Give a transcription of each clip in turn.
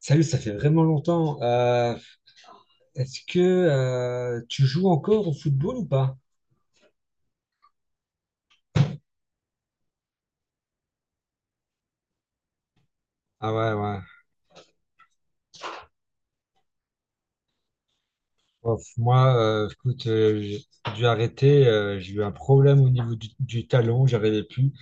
Salut, ça fait vraiment longtemps. Est-ce que tu joues encore au football ou pas? Ah ouais, ouais. Ouf, moi, écoute, j'ai dû arrêter. J'ai eu un problème au niveau du talon, j'arrivais plus.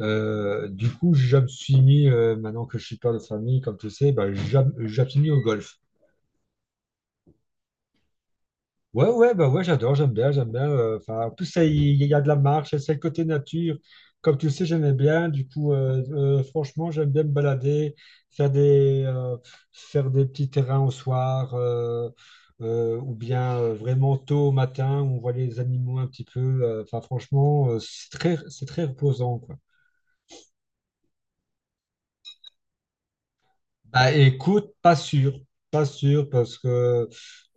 Du coup, je me suis mis, maintenant que je suis père de famille, comme tu sais, bah, je me suis mis au golf. Ouais, ouais, bah ouais, j'adore, j'aime bien, j'aime bien. Enfin, en plus, ça, il y a de la marche, c'est le côté nature. Comme tu le sais, j'aimais bien. Du coup, franchement, j'aime bien me balader, faire des, euh, faire des petits terrains au soir, ou bien vraiment tôt au matin, où on voit les animaux un petit peu. Enfin, franchement, c'est très reposant, quoi. Bah écoute, pas sûr, pas sûr parce que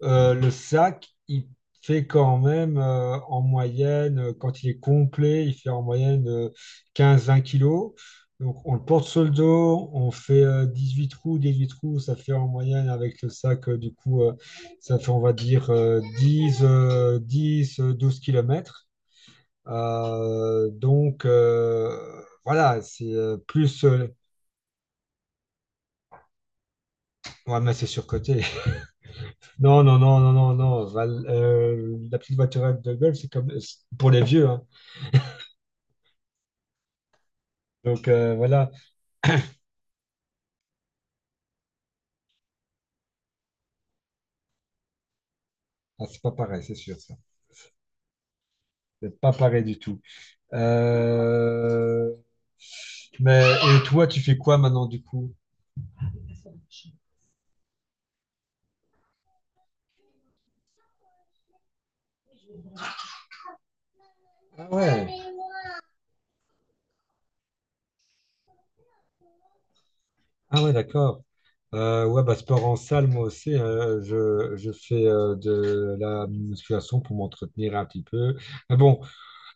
le sac, il fait quand même en moyenne, quand il est complet, il fait en moyenne 15-20 kilos. Donc on le porte sur le dos, on fait huit trous, 18 trous, ça fait en moyenne avec le sac, du coup, ça fait on va dire 10 10, 12 kilomètres. Donc voilà, c'est plus ouais, mais c'est surcoté. Non, non, non, non, non, non. La petite voiturette de golf, c'est pour les vieux, hein. Donc voilà. Ah, c'est pas pareil, c'est sûr, ça. C'est pas pareil du tout. Euh, Mais et toi, tu fais quoi maintenant du coup? Ah ouais, ah ouais, d'accord. Ouais, bah sport en salle, moi aussi, hein. Je fais de la musculation pour m'entretenir un petit peu. Mais bon,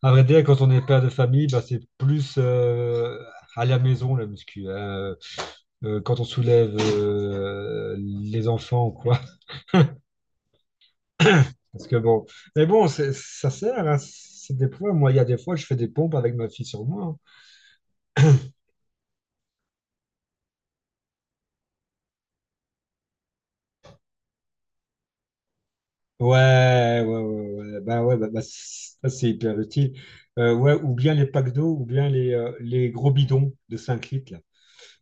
à vrai dire, quand on est père de famille, bah, c'est plus à la maison la muscu, hein. Quand on soulève les enfants ou quoi. Parce que bon, mais bon, ça sert, hein, c'est des poids. Moi, il y a des fois, je fais des pompes avec ma fille sur moi, hein. Ouais, ouais, ouais, ouais. Bah ouais, bah, bah, ça c'est hyper utile. Ouais, ou bien les packs d'eau, ou bien les gros bidons de 5 litres, là.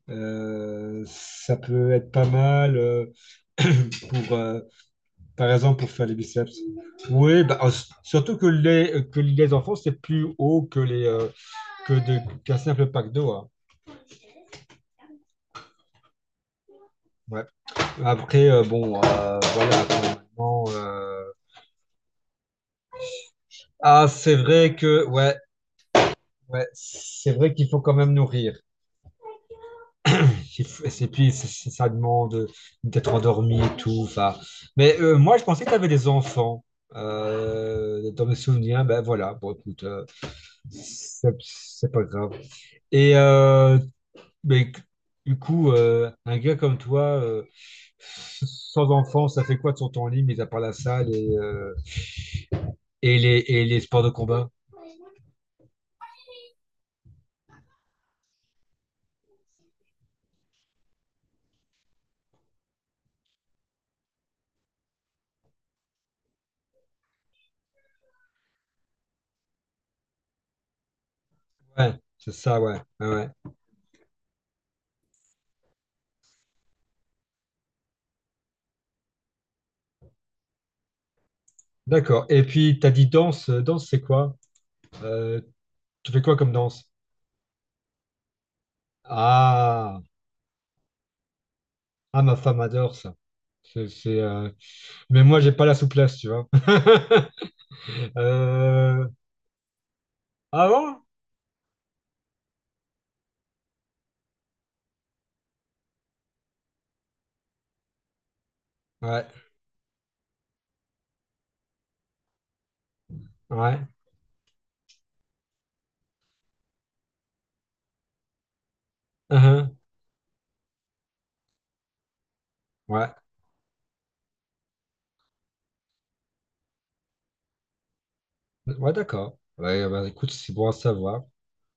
Ça peut être pas mal pour, euh, par exemple, pour faire les biceps. Oui, bah, surtout que les enfants, c'est plus haut que de qu'un simple pack d'eau, hein. Ouais. Après, bon, voilà. Après, maintenant, ah, c'est vrai que, ouais, ouais, c'est vrai qu'il faut quand même nourrir. Et puis, ça demande d'être endormi et tout. Enfin, mais moi, je pensais que tu avais des enfants. Dans mes souvenirs, ben voilà, bon, écoute, c'est pas grave. Et Mais c- du coup, un gars comme toi, sans enfant, ça fait quoi de son temps libre, mis à part la salle et les sports de combat? Ouais, c'est ça, ouais, ouais, ouais. D'accord. Et puis, t'as dit danse. Danse, c'est quoi? Euh, Tu fais quoi comme danse? Ah, ah, ma femme adore ça. C'est, c'est, euh, Mais moi, j'ai pas la souplesse, tu vois. Euh, Ah bon? Ouais, ouais. Uhum. Ouais, ouais, d'accord. Ouais, bah, écoute, c'est bon à savoir.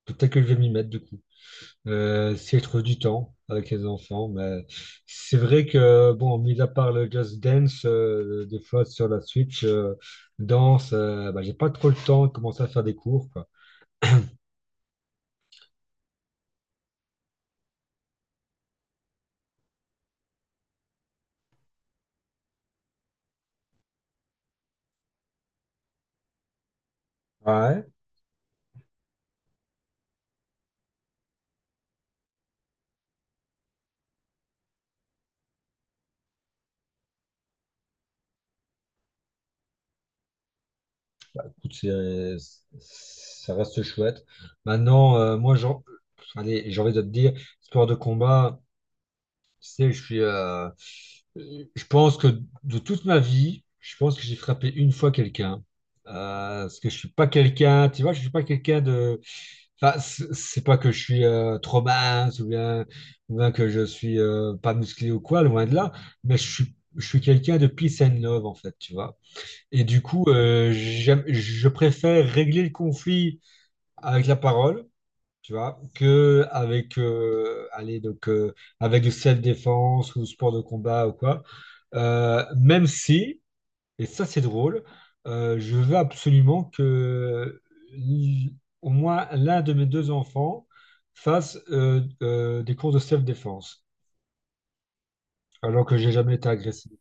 Peut-être que je vais m'y mettre du coup. Si je trouve du temps avec les enfants, mais c'est vrai que, bon, mis à part le Just Dance, des fois sur la Switch, bah, j'ai pas trop le temps de commencer à faire des cours, quoi. Ouais. Écoute, ça reste chouette. Maintenant, moi, allez, j'ai envie de te dire, sport de combat. Tu sais, je pense que de toute ma vie, je pense que j'ai frappé une fois quelqu'un. Euh, Parce que je suis pas quelqu'un, tu vois, je suis pas quelqu'un de. Enfin, c'est pas que je suis trop mince ou bien que je suis pas musclé ou quoi, loin de là. Mais je suis quelqu'un de peace and love en fait, tu vois. Et du coup, je préfère régler le conflit avec la parole, tu vois, que allez, donc, avec du self-défense ou sport de combat ou quoi. Même si, et ça c'est drôle, je veux absolument que l- au moins l'un de mes deux enfants fasse des cours de self-défense, alors que j'ai jamais été agressif.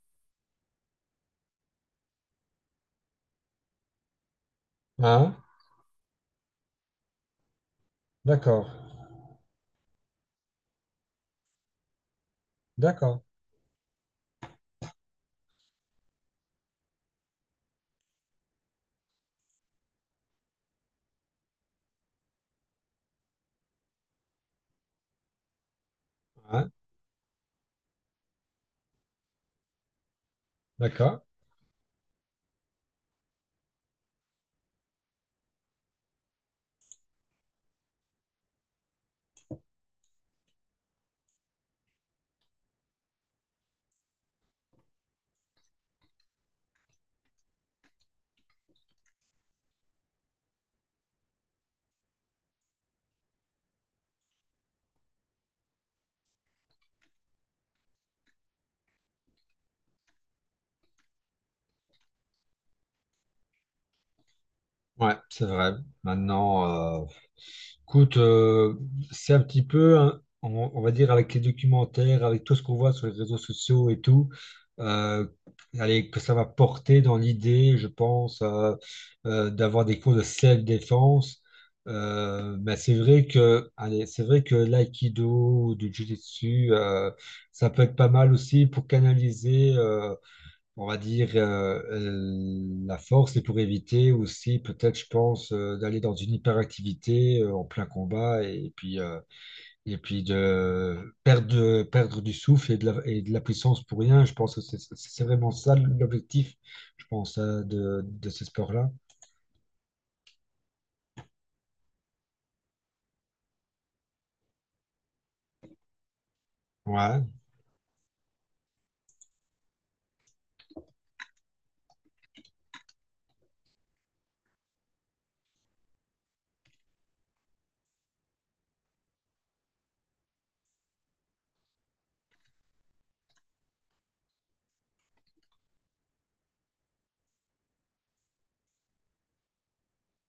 Hein? D'accord, d'accord. Ouais, d'accord. Ouais, c'est vrai. Maintenant, euh, écoute, c'est un petit peu, hein, on va dire, avec les documentaires, avec tout ce qu'on voit sur les réseaux sociaux et tout, euh, allez, que ça va porter dans l'idée, je pense, d'avoir des cours de self-défense. Mais c'est vrai que, allez, c'est vrai que l'aïkido, ou du jiu-jitsu, ça peut être pas mal aussi pour canaliser, on va dire, la force, et pour éviter aussi, peut-être, je pense, d'aller dans une hyperactivité en plein combat et puis de perdre, perdre du souffle et de la puissance pour rien. Je pense que c'est vraiment ça l'objectif, je pense, de ces sports là. Ouais.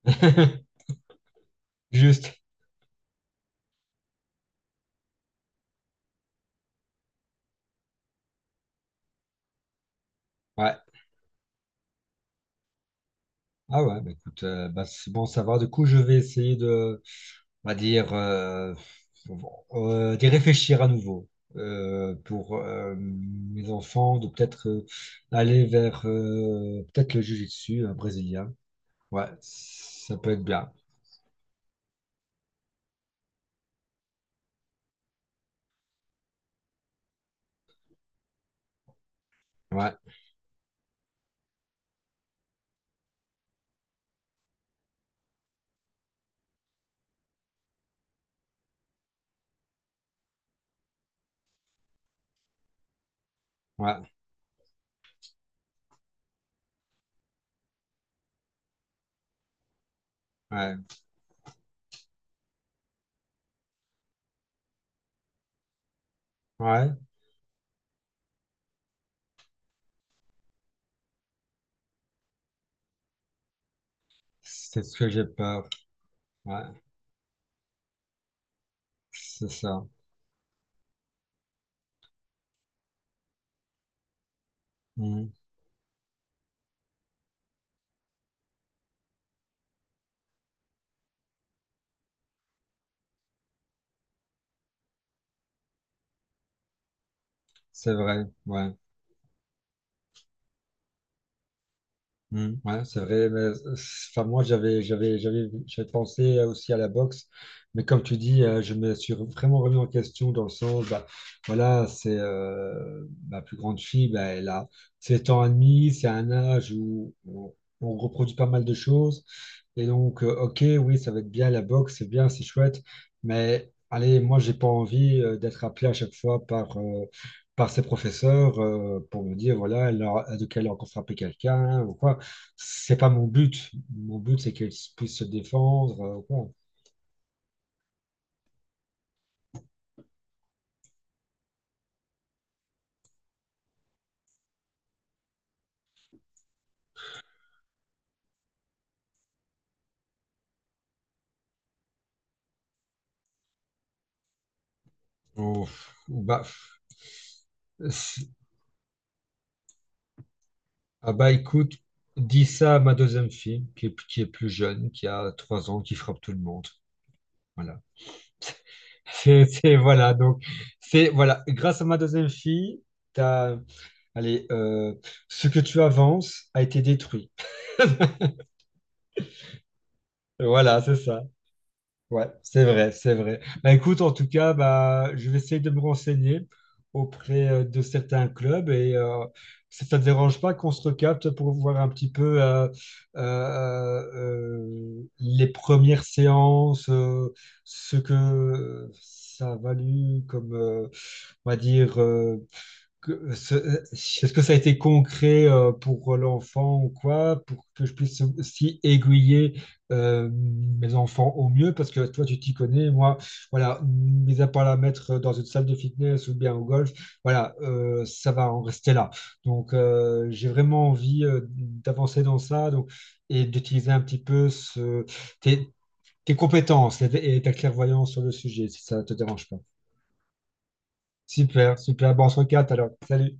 Juste. Ouais. Ah ouais, bah écoute, bah c'est bon, ça va. Du coup, je vais essayer de, on va dire, d'y réfléchir à nouveau pour mes enfants, de peut-être aller vers peut-être le jiu-jitsu brésilien. Ouais, ça peut être bien. Ouais, ouais, ouais, ouais. C'est ce que j'ai peur. Ouais, c'est ça. Mhm. C'est vrai. Ouais. Mm, ouais, c'est vrai. Mais, enfin, moi, j'avais pensé aussi à la boxe, mais comme tu dis, je me suis vraiment remis en question dans le sens, bah, voilà, c'est ma plus grande fille, bah, elle a 7 ans et demi, c'est un âge où on reproduit pas mal de choses. Et donc, ok, oui, ça va être bien la boxe, c'est bien, c'est chouette, mais allez, moi, j'ai pas envie d'être appelé à chaque fois par ses professeurs pour me dire, voilà, elle a, de quel elle a encore frappé quelqu'un ou quoi. C'est pas mon but. Mon but, c'est qu'ils puissent se défendre, bon. Ou- Bah, c'est- ah bah écoute, dis ça à ma deuxième fille, qui est plus jeune, qui a 3 ans, qui frappe tout le monde. Voilà. Voilà, donc, c'est, voilà, grâce à ma deuxième fille, t'as, allez, ce que tu avances a été détruit. Voilà, c'est ça. Ouais, c'est vrai, c'est vrai. Bah, écoute, en tout cas, bah, je vais essayer de me renseigner auprès de certains clubs et si ça ne te dérange pas qu'on se recapte pour voir un petit peu euh, euh, les premières séances, ce que ça a valu comme, on va dire, que est-ce que ça a été concret pour l'enfant ou quoi, pour que je puisse aussi aiguiller mes enfants au mieux, parce que toi, tu t'y connais, moi, voilà, mis à part la mettre dans une salle de fitness ou bien au golf, voilà, ça va en rester là. Donc, j'ai vraiment envie d'avancer dans ça donc, et d'utiliser un petit peu tes, tes compétences et ta clairvoyance sur le sujet, si ça te dérange pas. Super, super. Bon, on se recapte alors. Salut.